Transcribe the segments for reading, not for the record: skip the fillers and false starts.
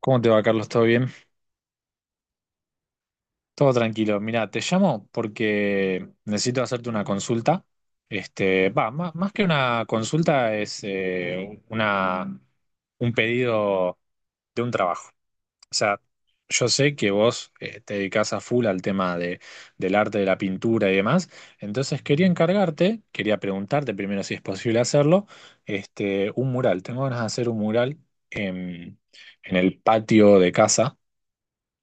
¿Cómo te va, Carlos? ¿Todo bien? Todo tranquilo. Mira, te llamo porque necesito hacerte una consulta. Más, que una consulta es un pedido de un trabajo. O sea, yo sé que vos te dedicás a full al tema del arte, de la pintura y demás. Entonces quería preguntarte primero si es posible hacerlo, un mural. Tengo ganas de hacer un mural en, en el patio de casa.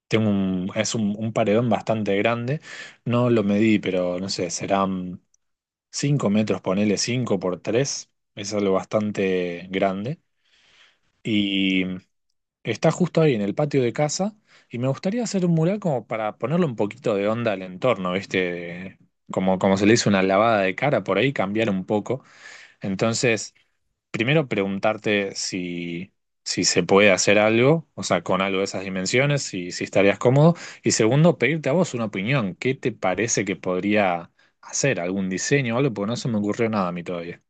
Es un paredón bastante grande. No lo medí, pero no sé, serán 5 metros, ponele 5 por 3. Es algo bastante grande. Y está justo ahí en el patio de casa. Y me gustaría hacer un mural como para ponerle un poquito de onda al entorno, ¿viste? Como se le hizo una lavada de cara por ahí, cambiar un poco. Entonces. Primero preguntarte si se puede hacer algo, o sea, con algo de esas dimensiones, si estarías cómodo. Y segundo, pedirte a vos una opinión. ¿Qué te parece que podría hacer? ¿Algún diseño o algo? Porque no se me ocurrió nada a mí todavía.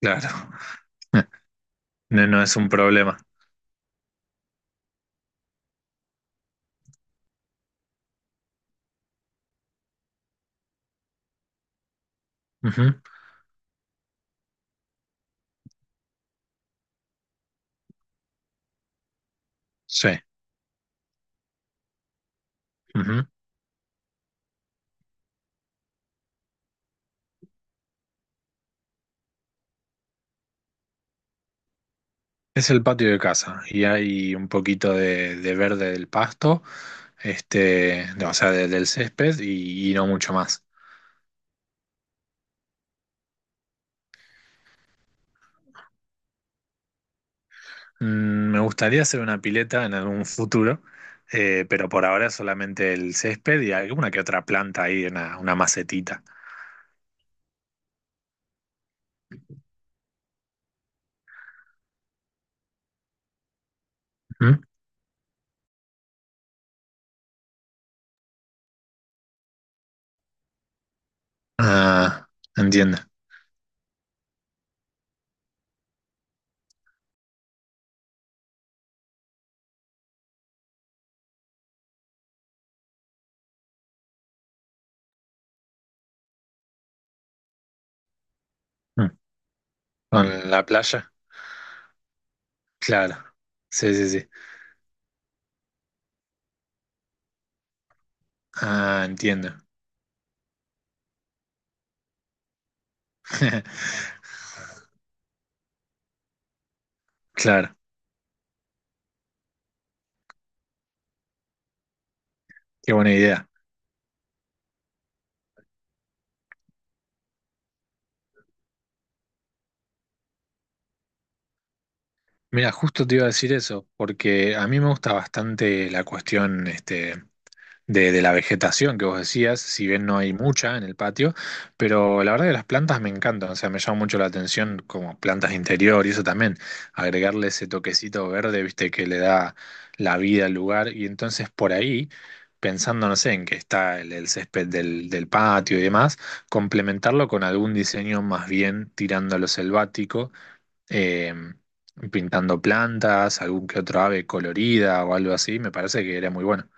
Claro, no, no es un problema. Ujú. Sí. Ujú. Es el patio de casa y hay un poquito de verde del pasto, o sea, del césped y no mucho más. Me gustaría hacer una pileta en algún futuro, pero por ahora solamente el césped y alguna que otra planta ahí, una macetita. ¿Mm? Ah, entiendo. Mm. ¿Con la playa? Claro. Sí, sí, sí. Ah, entiendo. Claro, qué buena idea. Mira, justo te iba a decir eso, porque a mí me gusta bastante la cuestión. De la vegetación que vos decías, si bien no hay mucha en el patio, pero la verdad que las plantas me encantan, o sea, me llama mucho la atención como plantas de interior y eso también, agregarle ese toquecito verde, viste, que le da la vida al lugar y entonces por ahí, pensando, no sé, en que está el césped del patio y demás, complementarlo con algún diseño más bien tirando a lo selvático. eh, Pintando plantas, algún que otro ave colorida o algo así, me parece que era muy bueno.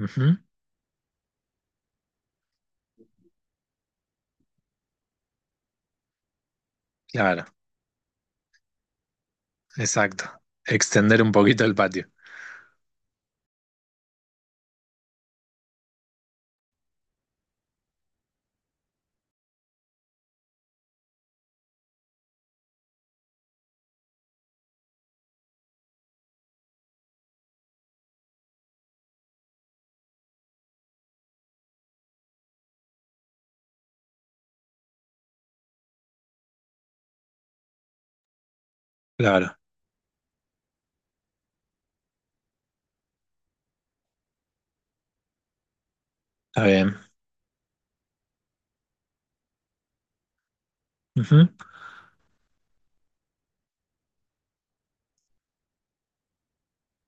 Ujú, claro. Exacto. Extender un poquito el patio. Claro, está bien. Ujú.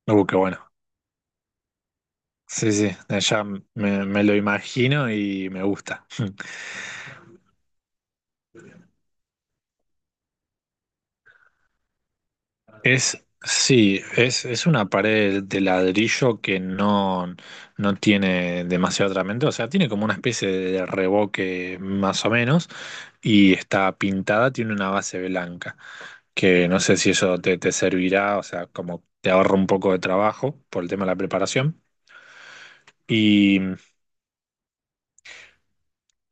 Qué bueno. Sí, sí, ya me lo imagino y me gusta. Sí, es una pared de ladrillo que no, no tiene demasiado tratamiento, o sea, tiene como una especie de revoque más o menos y está pintada, tiene una base blanca, que no sé si eso te servirá, o sea, como te ahorra un poco de trabajo por el tema de la preparación. y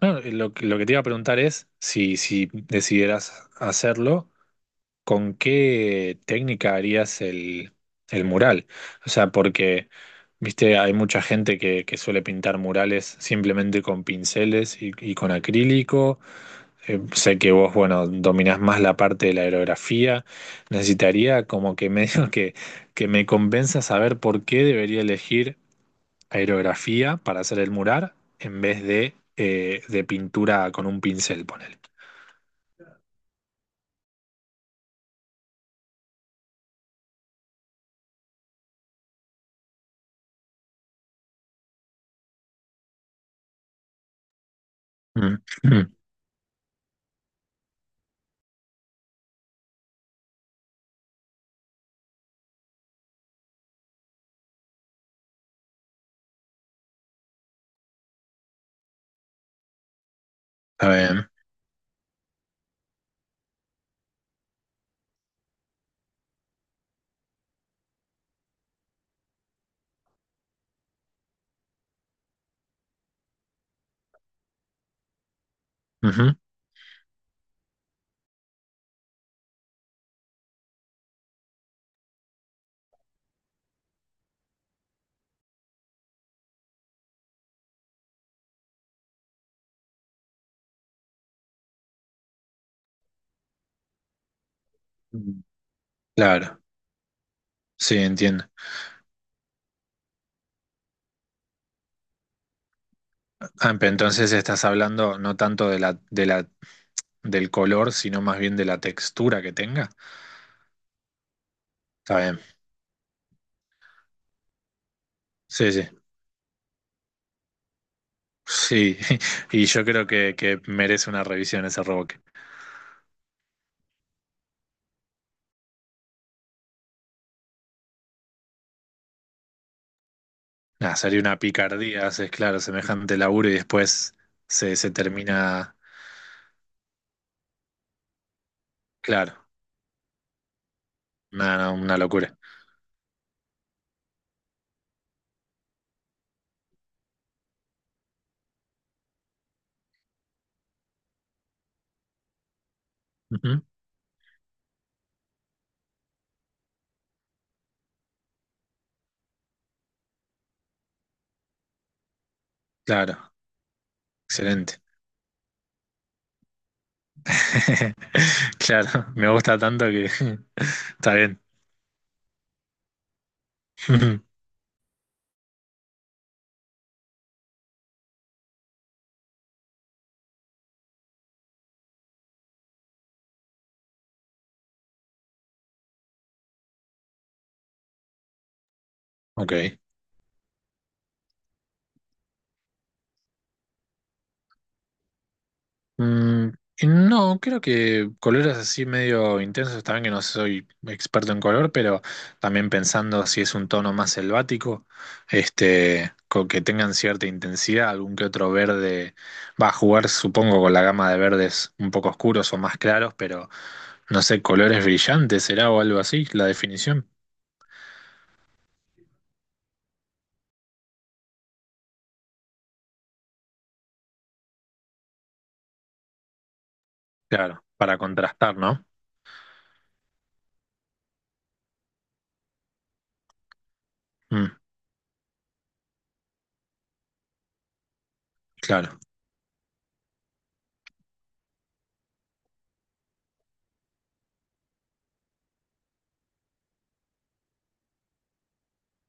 No, lo que te iba a preguntar es si decidieras hacerlo, ¿con qué técnica harías el mural? O sea, porque, viste, hay mucha gente que suele pintar murales simplemente con pinceles y con acrílico. Sé que vos, bueno, dominás más la parte de la aerografía. Necesitaría como que medio que me convenzas a ver por qué debería elegir aerografía para hacer el mural en vez de pintura con un pincel, ponele. Mm, mm. Está bien. Ujú. Mm. Claro, sí, entiendo. Ah, pero entonces estás hablando no tanto de la, del color, sino más bien de la textura que tenga. Está bien. Sí, sí. Sí, y yo creo que merece una revisión ese revoque. Nada, sería una picardía, haces, claro, semejante laburo y después se termina. Claro, nada, no, una locura. Ujú. Claro, excelente. Claro, me gusta tanto que está bien. Ok. Mm, y no, creo que colores así medio intensos, también que no soy experto en color, pero también pensando si es un tono más selvático, con que tengan cierta intensidad, algún que otro verde va a jugar, supongo, con la gama de verdes un poco oscuros o más claros, pero no sé, colores brillantes será o algo así, la definición. Claro, para contrastar, ¿no? Mm, claro,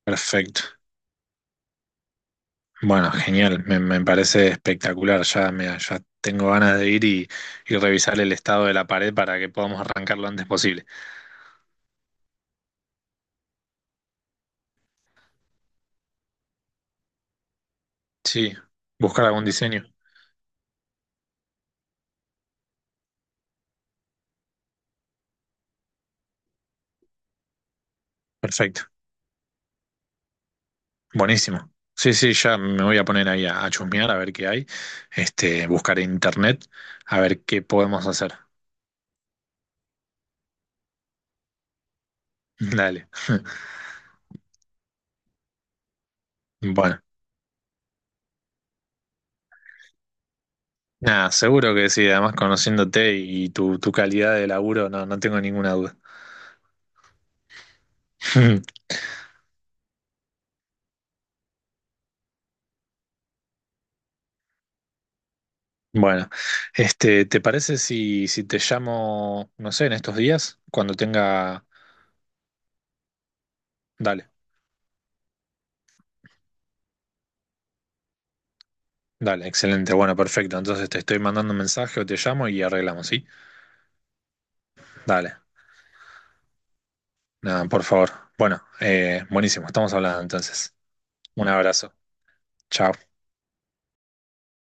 perfecto. Bueno, genial, me parece espectacular. Ya tengo ganas de ir y revisar el estado de la pared para que podamos arrancar lo antes posible. Sí, buscar algún diseño. Perfecto, buenísimo. Sí, sí, ya me voy a poner ahí a chusmear a ver qué hay. Buscar en internet a ver qué podemos hacer. Dale. Bueno, nada, seguro que sí. Además, conociéndote y tu calidad de laburo, no, no tengo ninguna duda. Bueno, ¿te parece si te llamo, no sé, en estos días? Cuando tenga... Dale, dale, excelente, bueno, perfecto. Entonces te estoy mandando un mensaje o te llamo y arreglamos, ¿sí? Dale, nada, por favor. Bueno, buenísimo, estamos hablando entonces. Un abrazo. Chao.